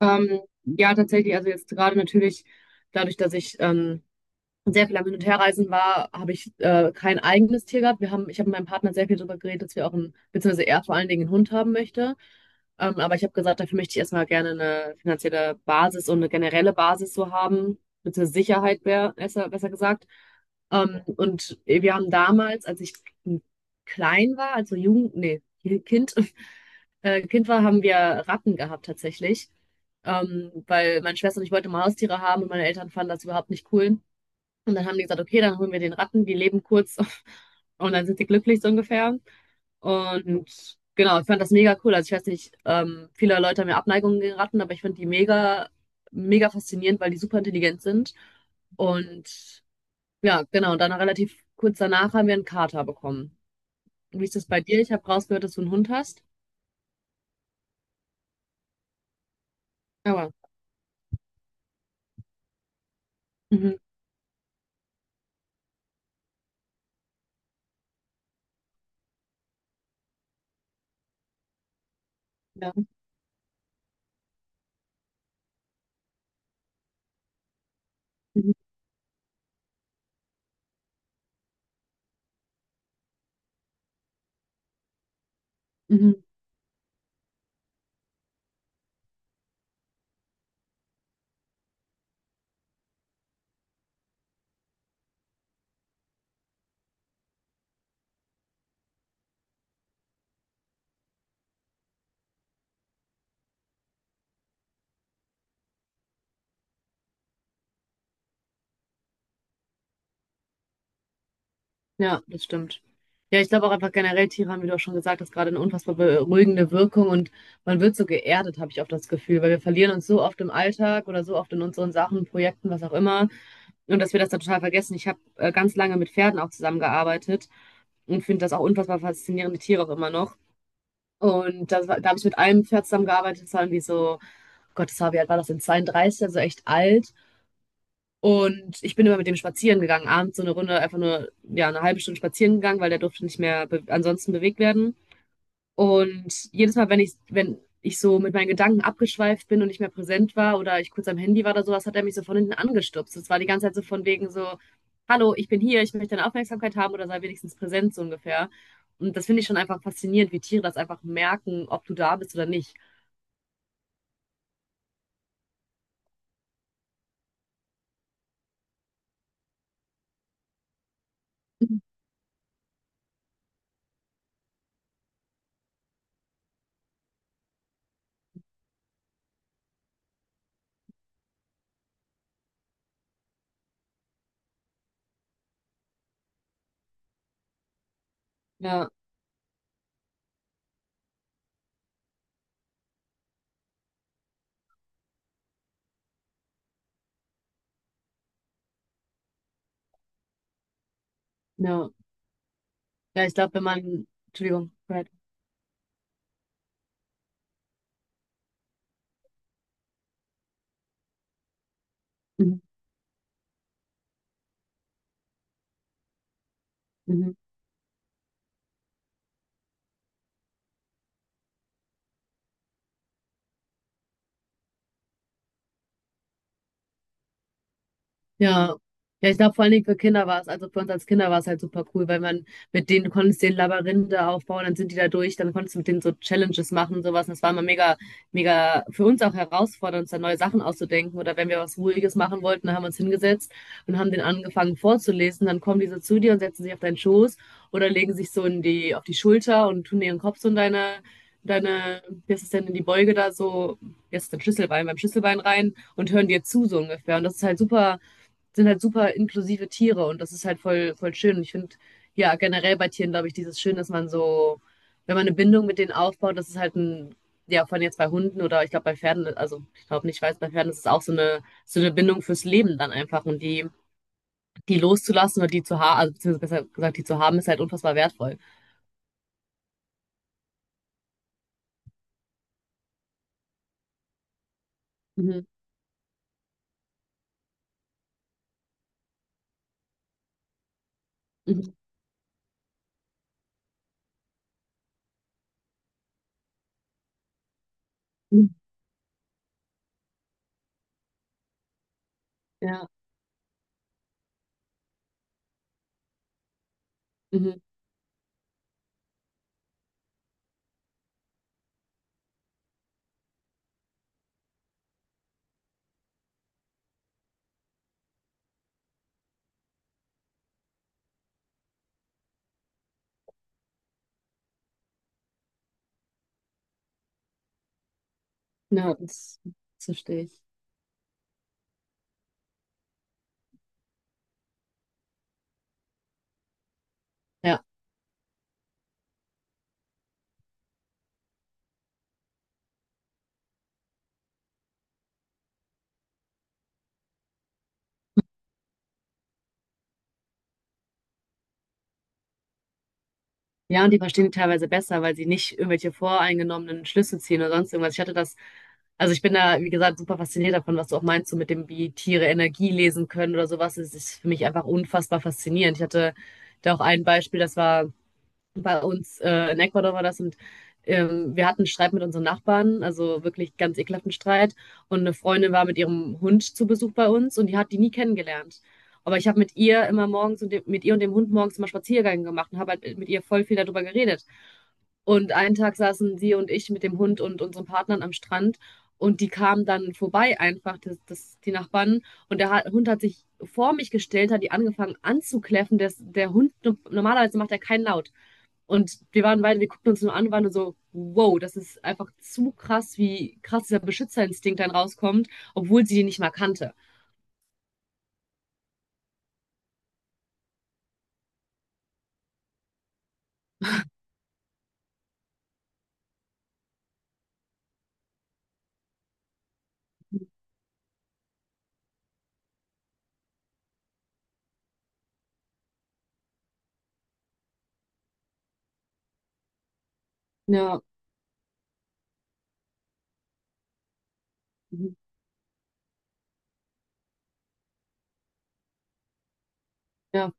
Ja, tatsächlich, also jetzt gerade natürlich dadurch, dass ich sehr viel am Hin- und Herreisen war, habe ich kein eigenes Tier gehabt. Ich habe mit meinem Partner sehr viel darüber geredet, dass wir auch einen, beziehungsweise er vor allen Dingen einen Hund haben möchte. Aber ich habe gesagt, dafür möchte ich erstmal gerne eine finanzielle Basis und eine generelle Basis so haben, beziehungsweise Sicherheit wär, besser gesagt. Und wir haben damals, als ich klein war, also Jugend, nee, Kind, Kind war, haben wir Ratten gehabt tatsächlich. Weil meine Schwester und ich wollten immer Haustiere haben und meine Eltern fanden das überhaupt nicht cool. Und dann haben die gesagt, okay, dann holen wir den Ratten, die leben kurz und dann sind sie glücklich so ungefähr. Und genau, ich fand das mega cool. Also ich weiß nicht, viele Leute haben ja Abneigungen gegen Ratten, aber ich fand die mega faszinierend, weil die super intelligent sind. Und ja, genau, und dann relativ kurz danach haben wir einen Kater bekommen. Wie ist das bei dir? Ich habe rausgehört, dass du einen Hund hast. Aber. Mhm. Ja. Mhm. Mhm. Ja, das stimmt. Ja, ich glaube auch einfach generell, Tiere haben, wie du auch schon gesagt hast, gerade eine unfassbar beruhigende Wirkung und man wird so geerdet, habe ich oft das Gefühl, weil wir verlieren uns so oft im Alltag oder so oft in unseren Sachen, Projekten, was auch immer. Und dass wir das dann total vergessen. Ich habe ganz lange mit Pferden auch zusammengearbeitet und finde das auch unfassbar faszinierende Tiere auch immer noch. Und da habe ich mit einem Pferd zusammengearbeitet, das war irgendwie so, Gott, das war, wie alt war das denn? 32, also echt alt. Und ich bin immer mit dem spazieren gegangen, abends so eine Runde, einfach nur, ja, eine halbe Stunde spazieren gegangen, weil der durfte nicht mehr be ansonsten bewegt werden. Und jedes Mal, wenn ich so mit meinen Gedanken abgeschweift bin und nicht mehr präsent war oder ich kurz am Handy war oder sowas, hat er mich so von hinten angestupst. Das war die ganze Zeit so von wegen so, hallo, ich bin hier, ich möchte deine Aufmerksamkeit haben oder sei wenigstens präsent, so ungefähr. Und das finde ich schon einfach faszinierend, wie Tiere das einfach merken, ob du da bist oder nicht. Mhm. Ja, ja. Ja, ich glaube, wenn man, Entschuldigung, go ahead. Mhm. Mhm. Ja. Ja, ich glaube, vor allen Dingen für Kinder war es, also für uns als Kinder war es halt super cool, weil man mit denen, du konntest den Labyrinthe aufbauen, dann sind die da durch, dann konntest du mit denen so Challenges machen und sowas. Und das war immer mega für uns auch herausfordernd, uns da neue Sachen auszudenken. Oder wenn wir was Ruhiges machen wollten, dann haben wir uns hingesetzt und haben den angefangen vorzulesen. Dann kommen die so zu dir und setzen sich auf deinen Schoß oder legen sich so in die, auf die Schulter und tun ihren Kopf so in wie ist es denn, in die Beuge da so, jetzt ist dein Schlüsselbein, beim Schlüsselbein rein und hören dir zu, so ungefähr. Und das ist halt super sind halt super inklusive Tiere und das ist halt voll schön. Und ich finde, ja, generell bei Tieren, glaube ich, dieses Schön, dass man so, wenn man eine Bindung mit denen aufbaut, das ist ja, von jetzt bei Hunden oder ich glaube bei Pferden, also ich glaube nicht, ich weiß, bei Pferden ist es auch so eine Bindung fürs Leben dann einfach und die loszulassen oder die zu haben, also beziehungsweise besser gesagt, die zu haben, ist halt unfassbar wertvoll. Mhm. Mhm. Mhm. Ja, mhm. Ja, das verstehe ich. Ja. Ja, und die verstehen die teilweise besser, weil sie nicht irgendwelche voreingenommenen Schlüsse ziehen oder sonst irgendwas. Also ich bin da, wie gesagt, super fasziniert davon, was du auch meinst, so mit dem, wie Tiere Energie lesen können oder sowas. Das ist für mich einfach unfassbar faszinierend. Ich hatte da auch ein Beispiel, das war bei uns in Ecuador war das und wir hatten einen Streit mit unseren Nachbarn, also wirklich ganz ekelhaften Streit. Und eine Freundin war mit ihrem Hund zu Besuch bei uns und die hat die nie kennengelernt. Aber ich habe mit ihr immer mit ihr und dem Hund morgens immer Spaziergänge gemacht und habe halt mit ihr voll viel darüber geredet. Und einen Tag saßen sie und ich mit dem Hund und unseren Partnern am Strand und die kamen dann vorbei einfach, die Nachbarn. Und der Hund hat sich vor mich gestellt, hat die angefangen anzukläffen. Der Hund, normalerweise macht er keinen Laut. Und wir waren beide, wir guckten uns nur an und waren nur so, wow, das ist einfach zu krass, wie krass dieser Beschützerinstinkt dann rauskommt, obwohl sie die nicht mal kannte. Ja, mhm. Ja,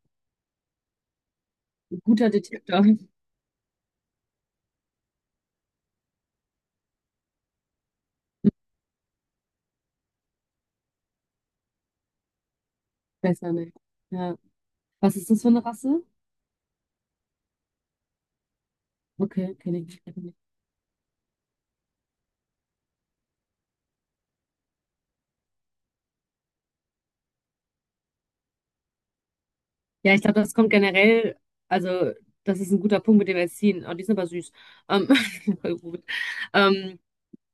guter Detektor. Besser nicht. Ja. Was ist das für eine Rasse? Okay, kenne ich nicht. Kenn ich nicht. Ja, ich glaube, das kommt generell, also das ist ein guter Punkt mit dem Erziehen. Oh, die sind aber süß. Ähm, voll gut. Ähm,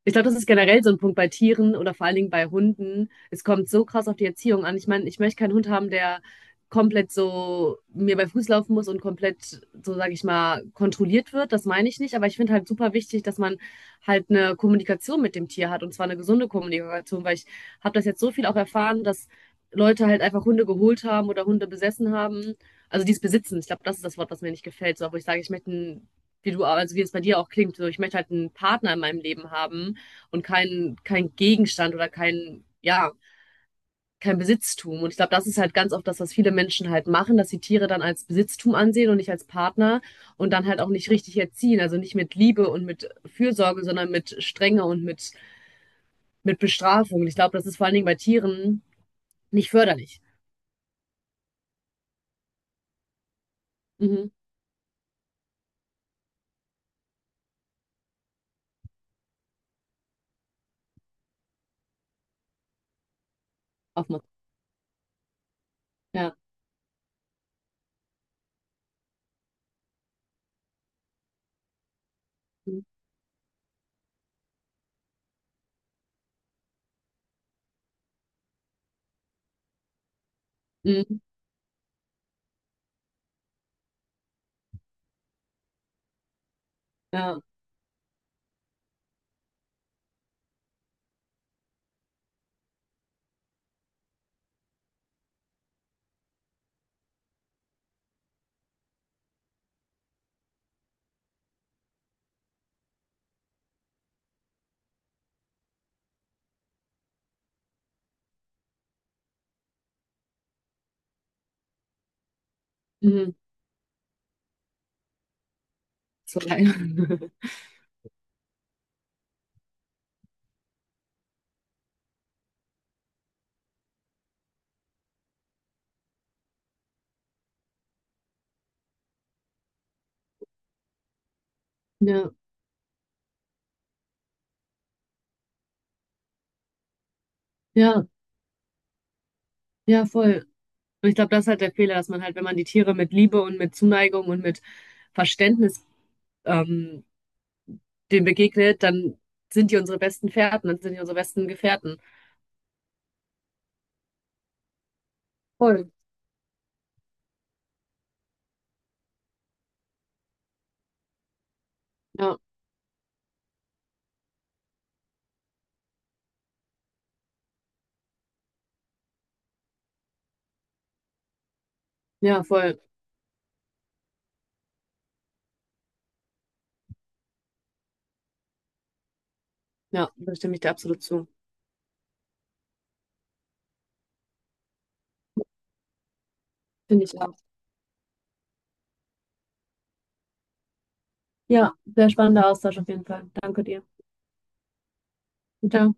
ich glaube, das ist generell so ein Punkt bei Tieren oder vor allen Dingen bei Hunden. Es kommt so krass auf die Erziehung an. Ich meine, ich möchte keinen Hund haben, der komplett so mir bei Fuß laufen muss und komplett, so sage ich mal, kontrolliert wird. Das meine ich nicht. Aber ich finde halt super wichtig, dass man halt eine Kommunikation mit dem Tier hat und zwar eine gesunde Kommunikation, weil ich habe das jetzt so viel auch erfahren, dass Leute halt einfach Hunde geholt haben oder Hunde besessen haben. Also die es besitzen. Ich glaube, das ist das Wort, was mir nicht gefällt. So, wo ich sage, wie du, also wie es bei dir auch klingt, so ich möchte halt einen Partner in meinem Leben haben und kein Gegenstand oder kein, ja, kein Besitztum. Und ich glaube, das ist halt ganz oft das, was viele Menschen halt machen, dass sie Tiere dann als Besitztum ansehen und nicht als Partner und dann halt auch nicht richtig erziehen. Also nicht mit Liebe und mit Fürsorge, sondern mit Strenge und mit Bestrafung. Und ich glaube, das ist vor allen Dingen bei Tieren nicht förderlich. Mhm. Aufmachen. Ja. Mhm. Ja. Mhm. So, ja. Ja. Ja. Ja, voll. Und ich glaube, das ist halt der Fehler, dass man halt, wenn man die Tiere mit Liebe und mit Zuneigung und mit Verständnis ähm, dem begegnet, dann sind die unsere besten Fährten, dann sind die unsere besten Gefährten. Voll. Ja, ja, voll. Ja, da stimme ich dir absolut zu. Finde ich auch. Ja, sehr spannender Austausch auf jeden Fall. Danke dir. Ciao.